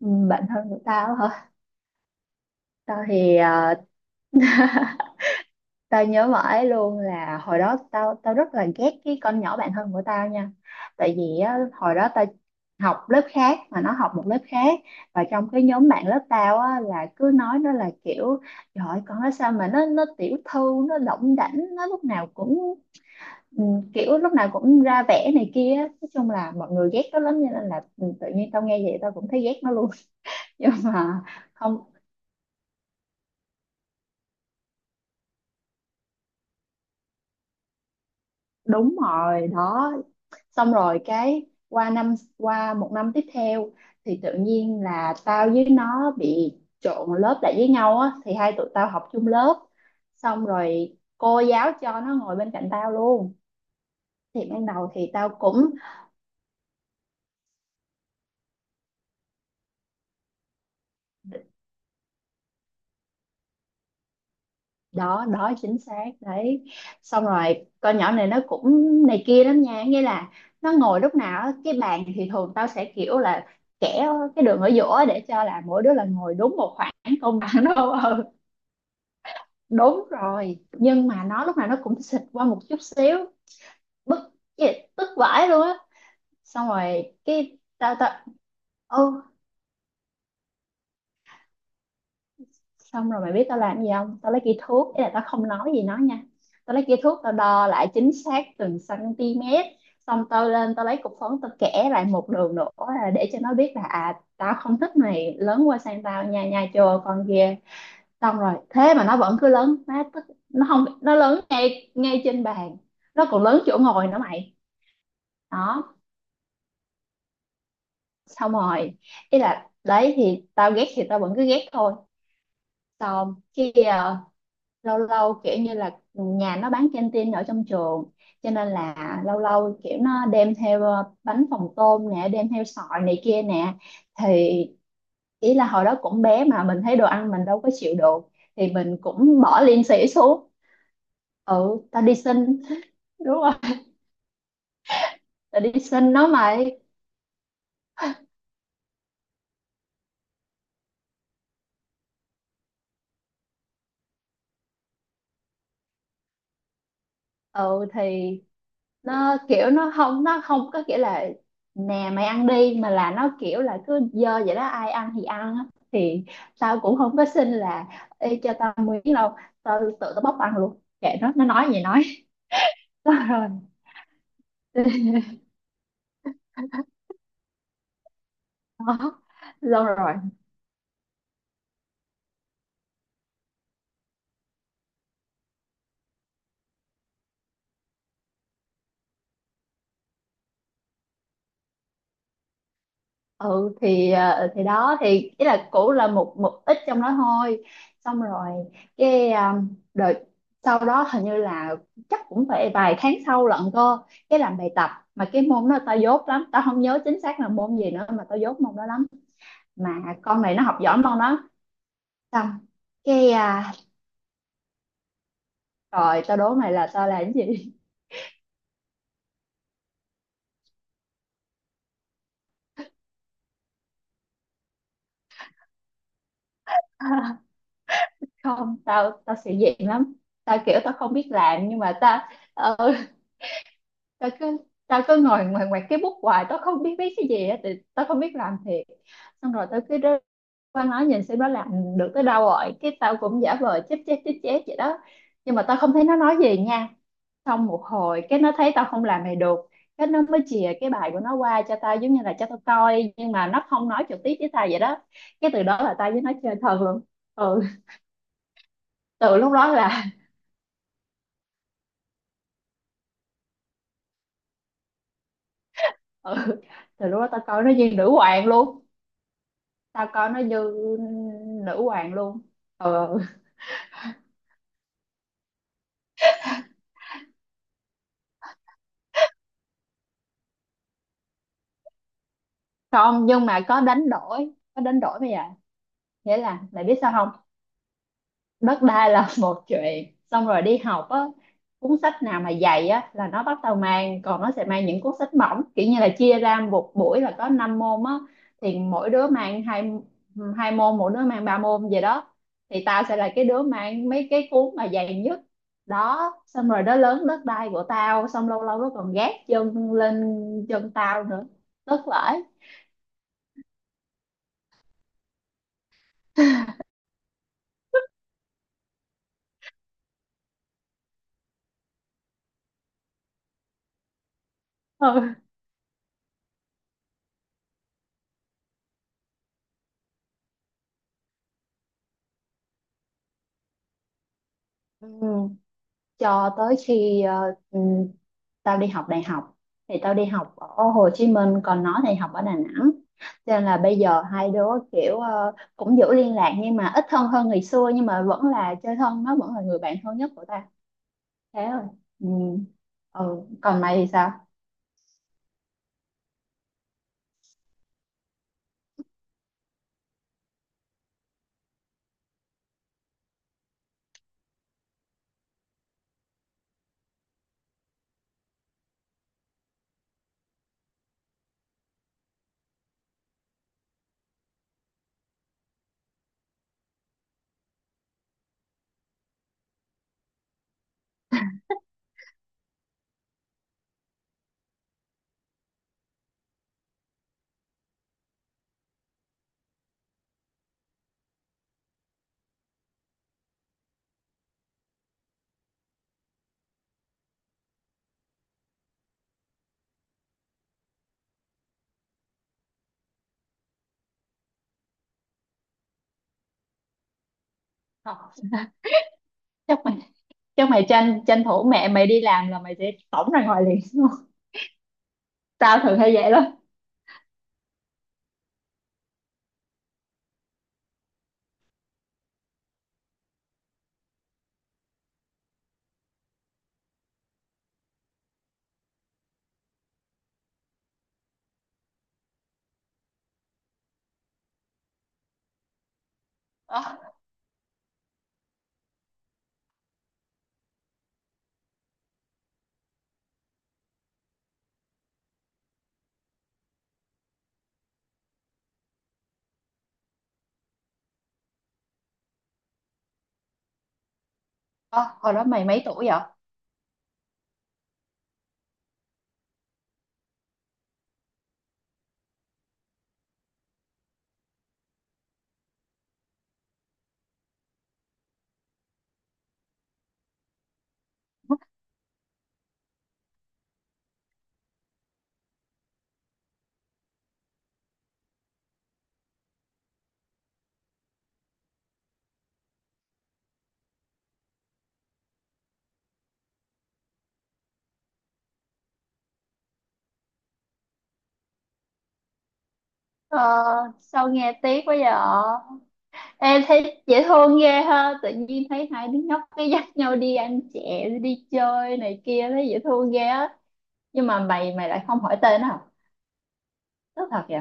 Ừ, bạn thân của tao hả? tao thì ờ, Tao nhớ mãi luôn là hồi đó tao tao rất là ghét cái con nhỏ bạn thân của tao nha. Tại vì á, hồi đó tao học lớp khác mà nó học một lớp khác, và trong cái nhóm bạn lớp tao á, là cứ nói nó là kiểu "trời ơi, con nó sao mà nó tiểu thư, nó đỏng đảnh, nó lúc nào cũng ừ, kiểu lúc nào cũng ra vẻ này kia á." Nói chung là mọi người ghét nó lắm cho nên là tự nhiên tao nghe vậy tao cũng thấy ghét nó luôn. Nhưng mà không. Đúng rồi đó. Xong rồi cái qua một năm tiếp theo thì tự nhiên là tao với nó bị trộn lớp lại với nhau á, thì hai tụi tao học chung lớp. Xong rồi cô giáo cho nó ngồi bên cạnh tao luôn. Thì ban đầu thì tao cũng... Đó đó, chính xác đấy. Xong rồi con nhỏ này nó cũng này kia lắm nha, nghĩa là nó ngồi lúc nào á, cái bàn thì thường tao sẽ kiểu là kẻ cái đường ở giữa để cho là mỗi đứa là ngồi đúng một khoảng công bằng. Đâu ừ. Đúng rồi, nhưng mà nó lúc nào nó cũng xịt qua một chút xíu, bức tức vãi luôn á. Xong rồi cái tao tao ô xong rồi mày biết tao làm gì không, tao lấy cây thước, ý là tao không nói gì nó nha, tao lấy cây thước tao đo lại chính xác từng cm. Xong tao lên tao lấy cục phấn tao kẻ lại một đường nữa là để cho nó biết là à tao không thích mày lớn qua sang tao nha, nha chưa con kia. Xong rồi thế mà nó vẫn cứ lớn, nó tức, nó không, nó lớn ngay ngay trên bàn, nó còn lớn chỗ ngồi nữa mày. Đó. Xong rồi ý là đấy thì tao ghét thì tao vẫn cứ ghét thôi. Xong khi lâu lâu kiểu như là nhà nó bán canteen ở trong trường, cho nên là lâu lâu kiểu nó đem theo bánh phồng tôm nè, đem theo sọi này kia nè, thì ý là hồi đó cũng bé mà mình thấy đồ ăn mình đâu có chịu được, thì mình cũng bỏ liền xỉ xuống. Ừ, tao đi xin. Đúng là đi sinh nó mày. Ừ thì nó kiểu nó không có kiểu là "nè mày ăn đi" mà là nó kiểu là cứ dơ vậy đó, ai ăn thì ăn á. Thì tao cũng không có xin là "Ê, cho tao miếng đâu", tao tự tao bóc ăn luôn, kệ nó nói gì nói. Xong rồi. Đó. Xong rồi ừ thì thì đó thì ý là cũ là một một ít trong đó thôi. Xong rồi cái đợt sau đó hình như là chắc cũng phải vài tháng sau lận cơ, cái làm bài tập mà cái môn đó tao dốt lắm, tao không nhớ chính xác là môn gì nữa, mà tao dốt môn đó lắm, mà con này nó học giỏi môn đó. Xong cái rồi tao đố mày là tao làm cái gì. Không, tao tao sĩ diện lắm, tao kiểu tao không biết làm nhưng mà ừ, tao cứ tao cứ ngồi ngoài ngoài cái bút hoài, tao không biết viết cái gì á, thì tao không biết làm thiệt. Xong rồi tao cứ rơi qua nó nhìn xem nó làm được tới đâu, rồi cái tao cũng giả vờ chép chép chép chép vậy đó. Nhưng mà tao không thấy nó nói gì nha. Xong một hồi cái nó thấy tao không làm này được, cái nó mới chìa cái bài của nó qua cho tao giống như là cho tao coi, nhưng mà nó không nói trực tiếp với tao vậy đó. Cái từ đó là tao với nó chơi thân luôn. Ừ. Từ lúc đó là... Ừ, từ lúc đó tao coi nó như nữ hoàng luôn. Tao coi nó như nữ hoàng luôn. Ừ. Không, nhưng mà có đánh đổi, có đánh đổi bây giờ. Nghĩa là mày biết sao không, đất đai là một chuyện. Xong rồi đi học á, cuốn sách nào mà dày á là nó bắt đầu mang, còn nó sẽ mang những cuốn sách mỏng, kiểu như là chia ra một buổi là có 5 môn á, thì mỗi đứa mang hai hai môn, mỗi đứa mang ba môn vậy đó, thì tao sẽ là cái đứa mang mấy cái cuốn mà dày nhất. Đó, xong rồi đó lớn đất đai của tao, xong lâu lâu nó còn gác chân lên chân tao nữa, tức lỗi. Ừ. Cho tới khi tao đi học đại học, thì tao đi học ở Hồ Chí Minh còn nó thì học ở Đà Nẵng, cho nên là bây giờ hai đứa kiểu cũng giữ liên lạc nhưng mà ít thân hơn ngày xưa, nhưng mà vẫn là chơi thân, nó vẫn là người bạn thân nhất của tao. Thế rồi. Ừ. Ừ, còn mày thì sao? Không. Chắc mày... chắc mày tranh tranh thủ mẹ mày đi làm là mày sẽ tổng ra ngoài liền đúng không? Tao thường hay vậy lắm. Ờ, ờ, hồi đó mày mấy tuổi vậy? Ờ, sao nghe tiếc quá vậy. Em thấy dễ thương ghê ha, tự nhiên thấy hai đứa nhóc cái dắt nhau đi ăn chè, đi chơi này kia, thấy dễ thương ghê á. Nhưng mà mày mày lại không hỏi tên à? Tức thật vậy.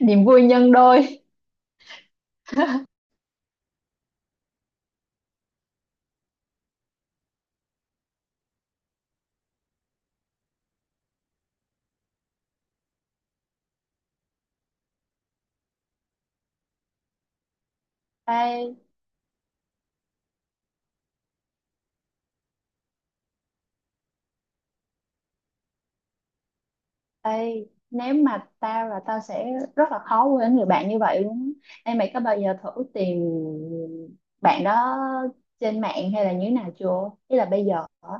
Niềm vui nhân đôi. Ê, ê, nếu mà tao là tao sẽ rất là khó quên người bạn như vậy luôn á. Ê, mày có bao giờ thử tìm bạn đó trên mạng hay là như thế nào chưa? Ý là bây giờ á,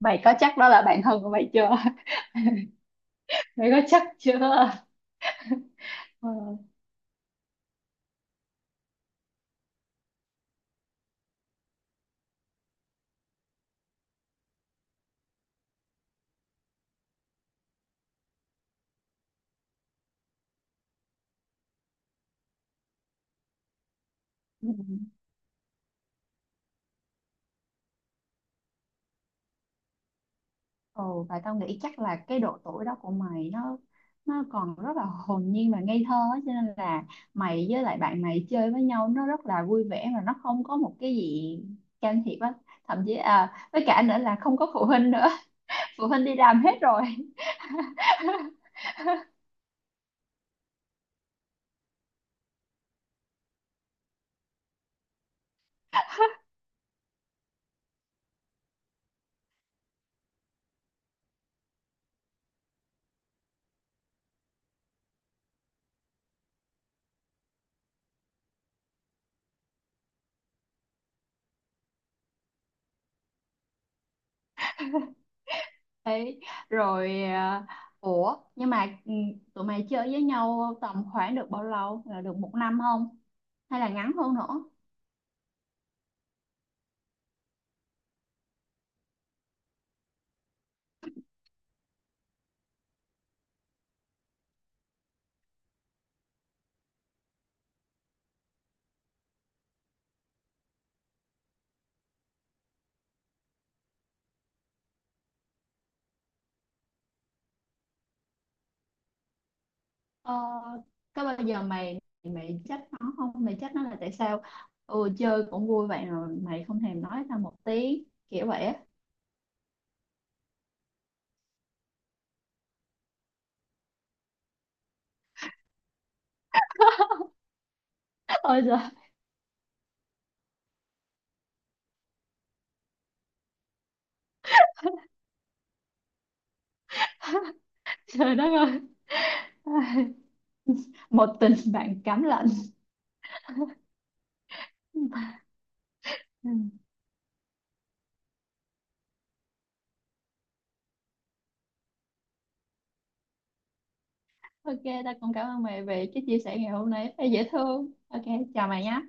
mày có chắc đó là bạn thân của mày chưa? Mày có chắc chưa? Ừ. Ừ, và tao nghĩ chắc là cái độ tuổi đó của mày, nó còn rất là hồn nhiên và ngây thơ á, cho nên là mày với lại bạn mày chơi với nhau nó rất là vui vẻ, và nó không có một cái gì can thiệp á, thậm chí với cả nữa là không có phụ huynh nữa. Phụ huynh đi làm hết rồi. Đấy, rồi ủa nhưng mà tụi mày chơi với nhau tầm khoảng được bao lâu, là được một năm không, hay là ngắn hơn nữa? Ờ, có bao giờ mày mày trách nó không, mày trách nó là tại sao, chơi cũng vui vậy rồi mày không thèm nói tao một tiếng kiểu vậy á? Ôi giời. Trời đất ơi. Một tình bạn cám lạnh. Ừ. Ok, tao cũng cảm ơn mày về cái chia sẻ ngày hôm nay, thấy dễ thương. Ok, chào mày nha.